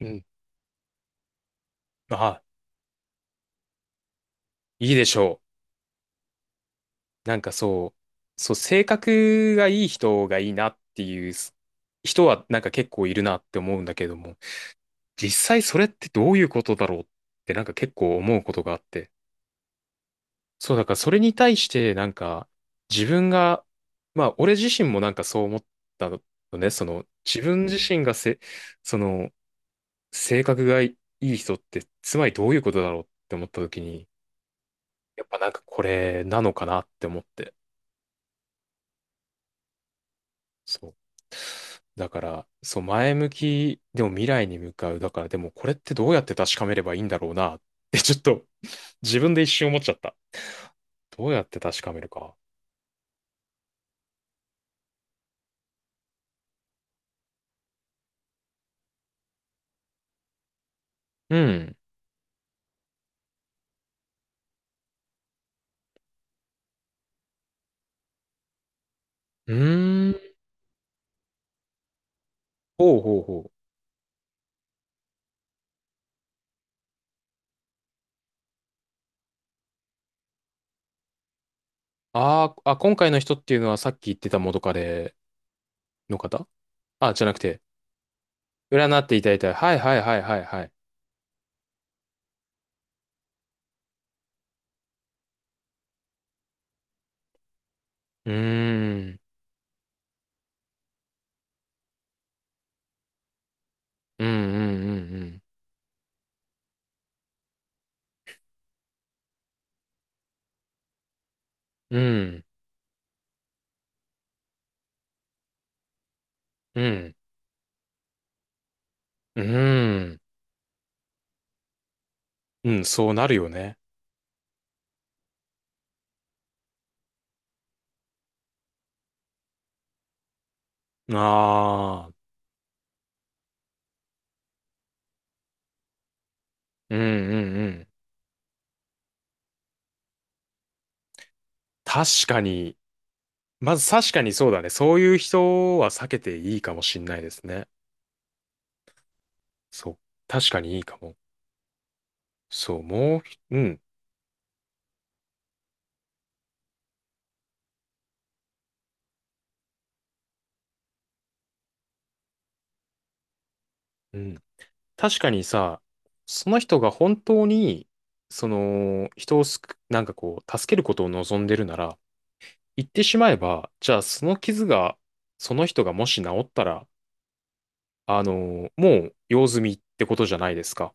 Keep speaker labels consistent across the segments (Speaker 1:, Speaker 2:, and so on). Speaker 1: うん。あ、いいでしょう。なんかそう、性格がいい人がいいなっていう人はなんか結構いるなって思うんだけども、実際それってどういうことだろうってなんか結構思うことがあって。そう、だからそれに対してなんか自分が、まあ俺自身もなんかそう思ったのね、その自分自身がせ、その性格がいい人ってつまりどういうことだろうって思った時に、やっぱなんかこれなのかなって思って。そう。だから、そう、前向き、でも未来に向かう。だから、でもこれってどうやって確かめればいいんだろうなって、ちょっと自分で一瞬思っちゃった。どうやって確かめるか。うん。うーん。ほうほうほう。あーあ、今回の人っていうのはさっき言ってた元カレの方あ、じゃなくて、占っていただいた。はいはいはいはいはい。うーん。うんうんうんうん。うん。うん。うん。うん、そうなるよね。ああ。うんうんうん。確かに。まず確かにそうだね。そういう人は避けていいかもしんないですね。そう。確かにいいかも。うん、うん。確かにさ、その人が本当に、その、人をすく、なんかこう、助けることを望んでるなら、言ってしまえば、じゃあその傷が、その人がもし治ったら、あの、もう用済みってことじゃないですか。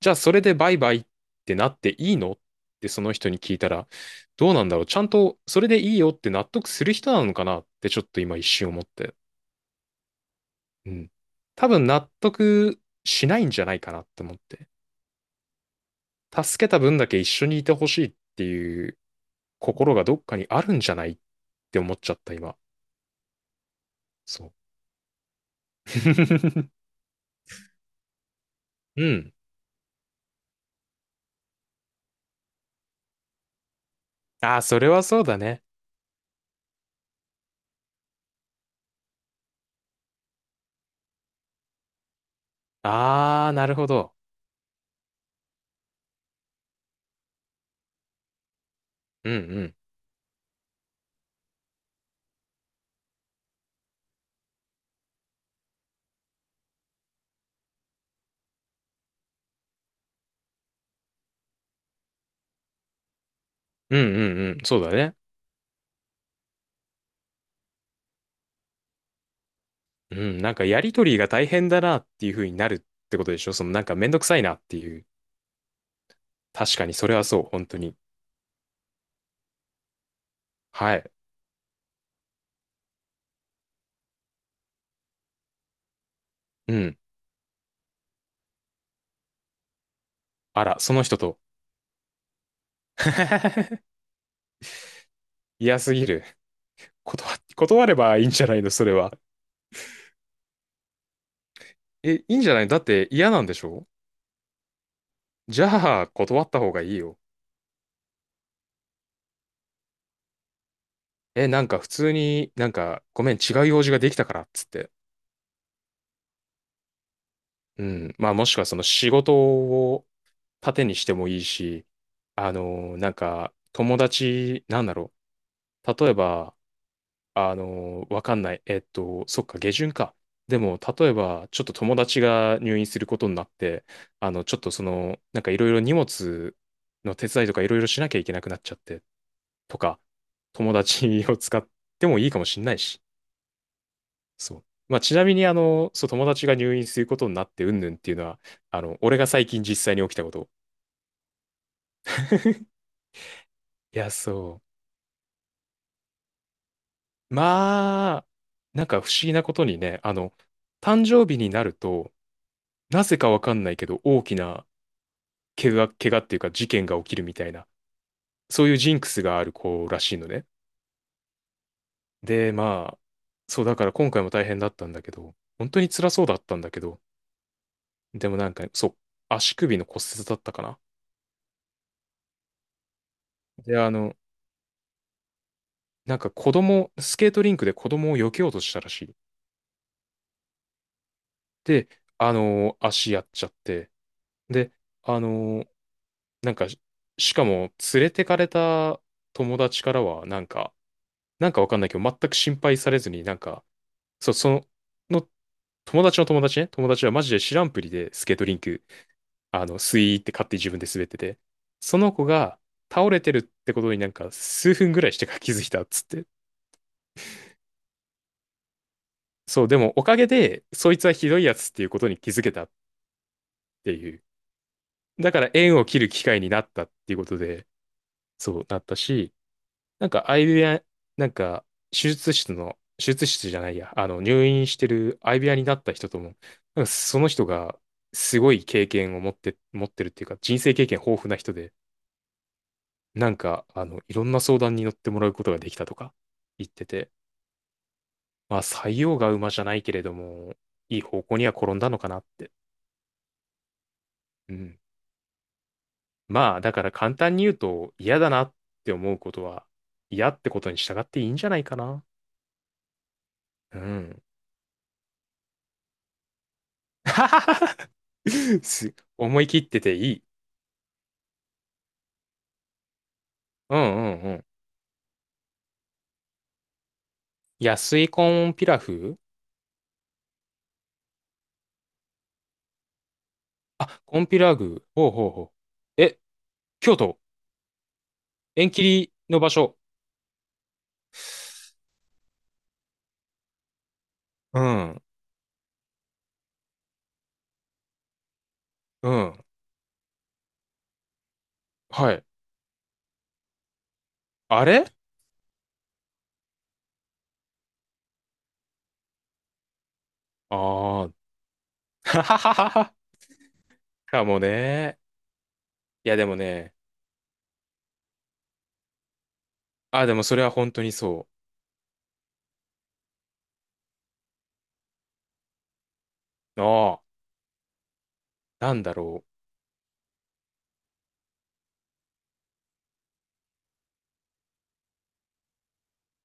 Speaker 1: じゃあそれでバイバイってなっていいのってその人に聞いたら、どうなんだろうちゃんとそれでいいよって納得する人なのかなってちょっと今一瞬思って。うん。多分納得しないんじゃないかなって思って。助けた分だけ一緒にいてほしいっていう心がどっかにあるんじゃないって思っちゃった今。そう。うん。ああ、それはそうだね。ああ、なるほど。うんうん。うんうんうん。そうだね。うん、なんかやりとりが大変だなっていう風になるってことでしょそのなんかめんどくさいなっていう。確かにそれはそう、本当に。はい。うん。あら、その人と。嫌すぎる。断、断ればいいんじゃないのそれは。え、いいんじゃないのだって嫌なんでしょじゃあ、断った方がいいよ。え、なんか普通になんか、ごめん、違う用事ができたからっつって。うん。まあもしくはその仕事を盾にしてもいいし、なんか友達、なんだろう。例えば、わかんない。そっか、下旬か。でも、例えば、ちょっと友達が入院することになって、あの、ちょっとその、なんかいろいろ荷物の手伝いとかいろいろしなきゃいけなくなっちゃって、とか、友達を使ってもいいかもしんないし。そう。まあ、ちなみに、あの、そう、友達が入院することになって、うんぬんっていうのは、あの、俺が最近実際に起きたこと。いや、そう。まあ、なんか不思議なことにね、あの、誕生日になると、なぜかわかんないけど、大きな怪我っていうか事件が起きるみたいな、そういうジンクスがある子らしいのね。で、まあ、そうだから今回も大変だったんだけど、本当に辛そうだったんだけど、でもなんか、そう、足首の骨折だったかな。で、あの、なんか子供、スケートリンクで子供を避けようとしたらしい。で、あの、足やっちゃって、で、あの、なんか、しかも連れてかれた友達からは、なんか、なんかわかんないけど、全く心配されずに、なんか、その友達の友達ね、友達はマジで知らんぷりでスケートリンク、あの、スイーって勝手に自分で滑ってて、その子が倒れてるってことになんか数分ぐらいしてから気づいたっつって。そう、でもおかげで、そいつはひどいやつっていうことに気づけたっていう。だから縁を切る機会になったっていうことで、そうなったし、なんか相部屋、なんか手術室じゃないや、あの入院してる相部屋になった人とも、なんかその人がすごい経験を持って、持ってるっていうか人生経験豊富な人で、なんかあのいろんな相談に乗ってもらうことができたとか言ってて、まあ採用が馬じゃないけれども、いい方向には転んだのかなって。うん。まあだから簡単に言うと嫌だなって思うことは嫌ってことに従っていいんじゃないかな。うん。思い切ってていい。うんうんうん。安いコンピラフあ、コンピラグ。ほうほうほう。え、京都縁切りの場所。うん、うん。はい。あれああー。ははははは。かもね。いやでもね。あ、でもそれは本当にそう。ああ、なんだろ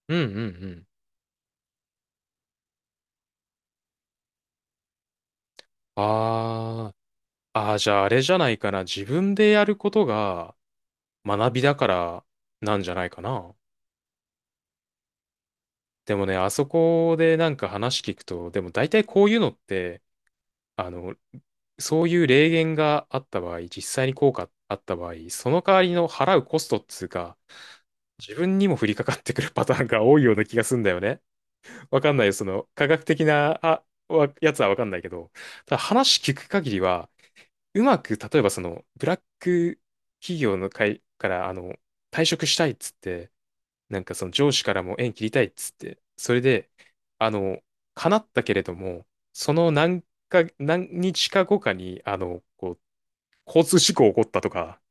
Speaker 1: う。うんうんうん。ああ。ああ、じゃああれじゃないかな。自分でやることが学びだからなんじゃないかな。でもね、あそこでなんか話聞くと、でも大体こういうのって、あの、そういう霊言があった場合、実際に効果あった場合、その代わりの払うコストっつうか、自分にも降りかかってくるパターンが多いような気がすんだよね。わかんないよ、その科学的な、あ、わやつはわかんないけど、ただ話聞く限りは、うまく、例えばその、ブラック企業の会から、あの、退職したいっつって、なんかその上司からも縁切りたいっつって、それで、あの、叶ったけれども、その何何日か後かに、あの、こう、交通事故起こったとか、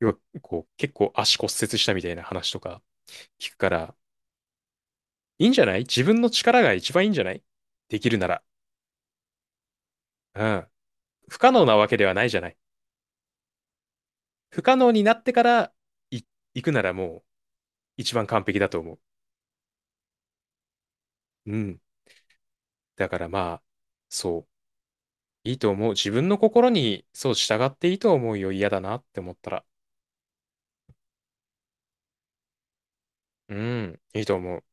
Speaker 1: 要はこう、結構足骨折したみたいな話とか聞くから、いいんじゃない自分の力が一番いいんじゃないできるなら。うん。不可能なわけではないじゃない。不可能になってからい行くならもう一番完璧だと思う。うん。だからまあ、そう。いいと思う。自分の心に、そう、従っていいと思うよ。嫌だなって思ったら。うん、いいと思う。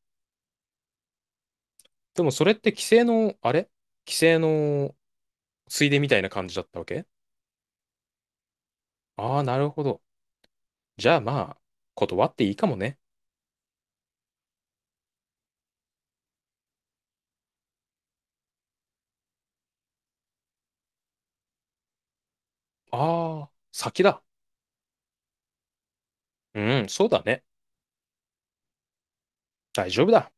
Speaker 1: でもそれって規制のついでみたいな感じだったわけああー、なるほど。じゃあまあ、断っていいかもね。ああ、先だ。うん、そうだね。大丈夫だ。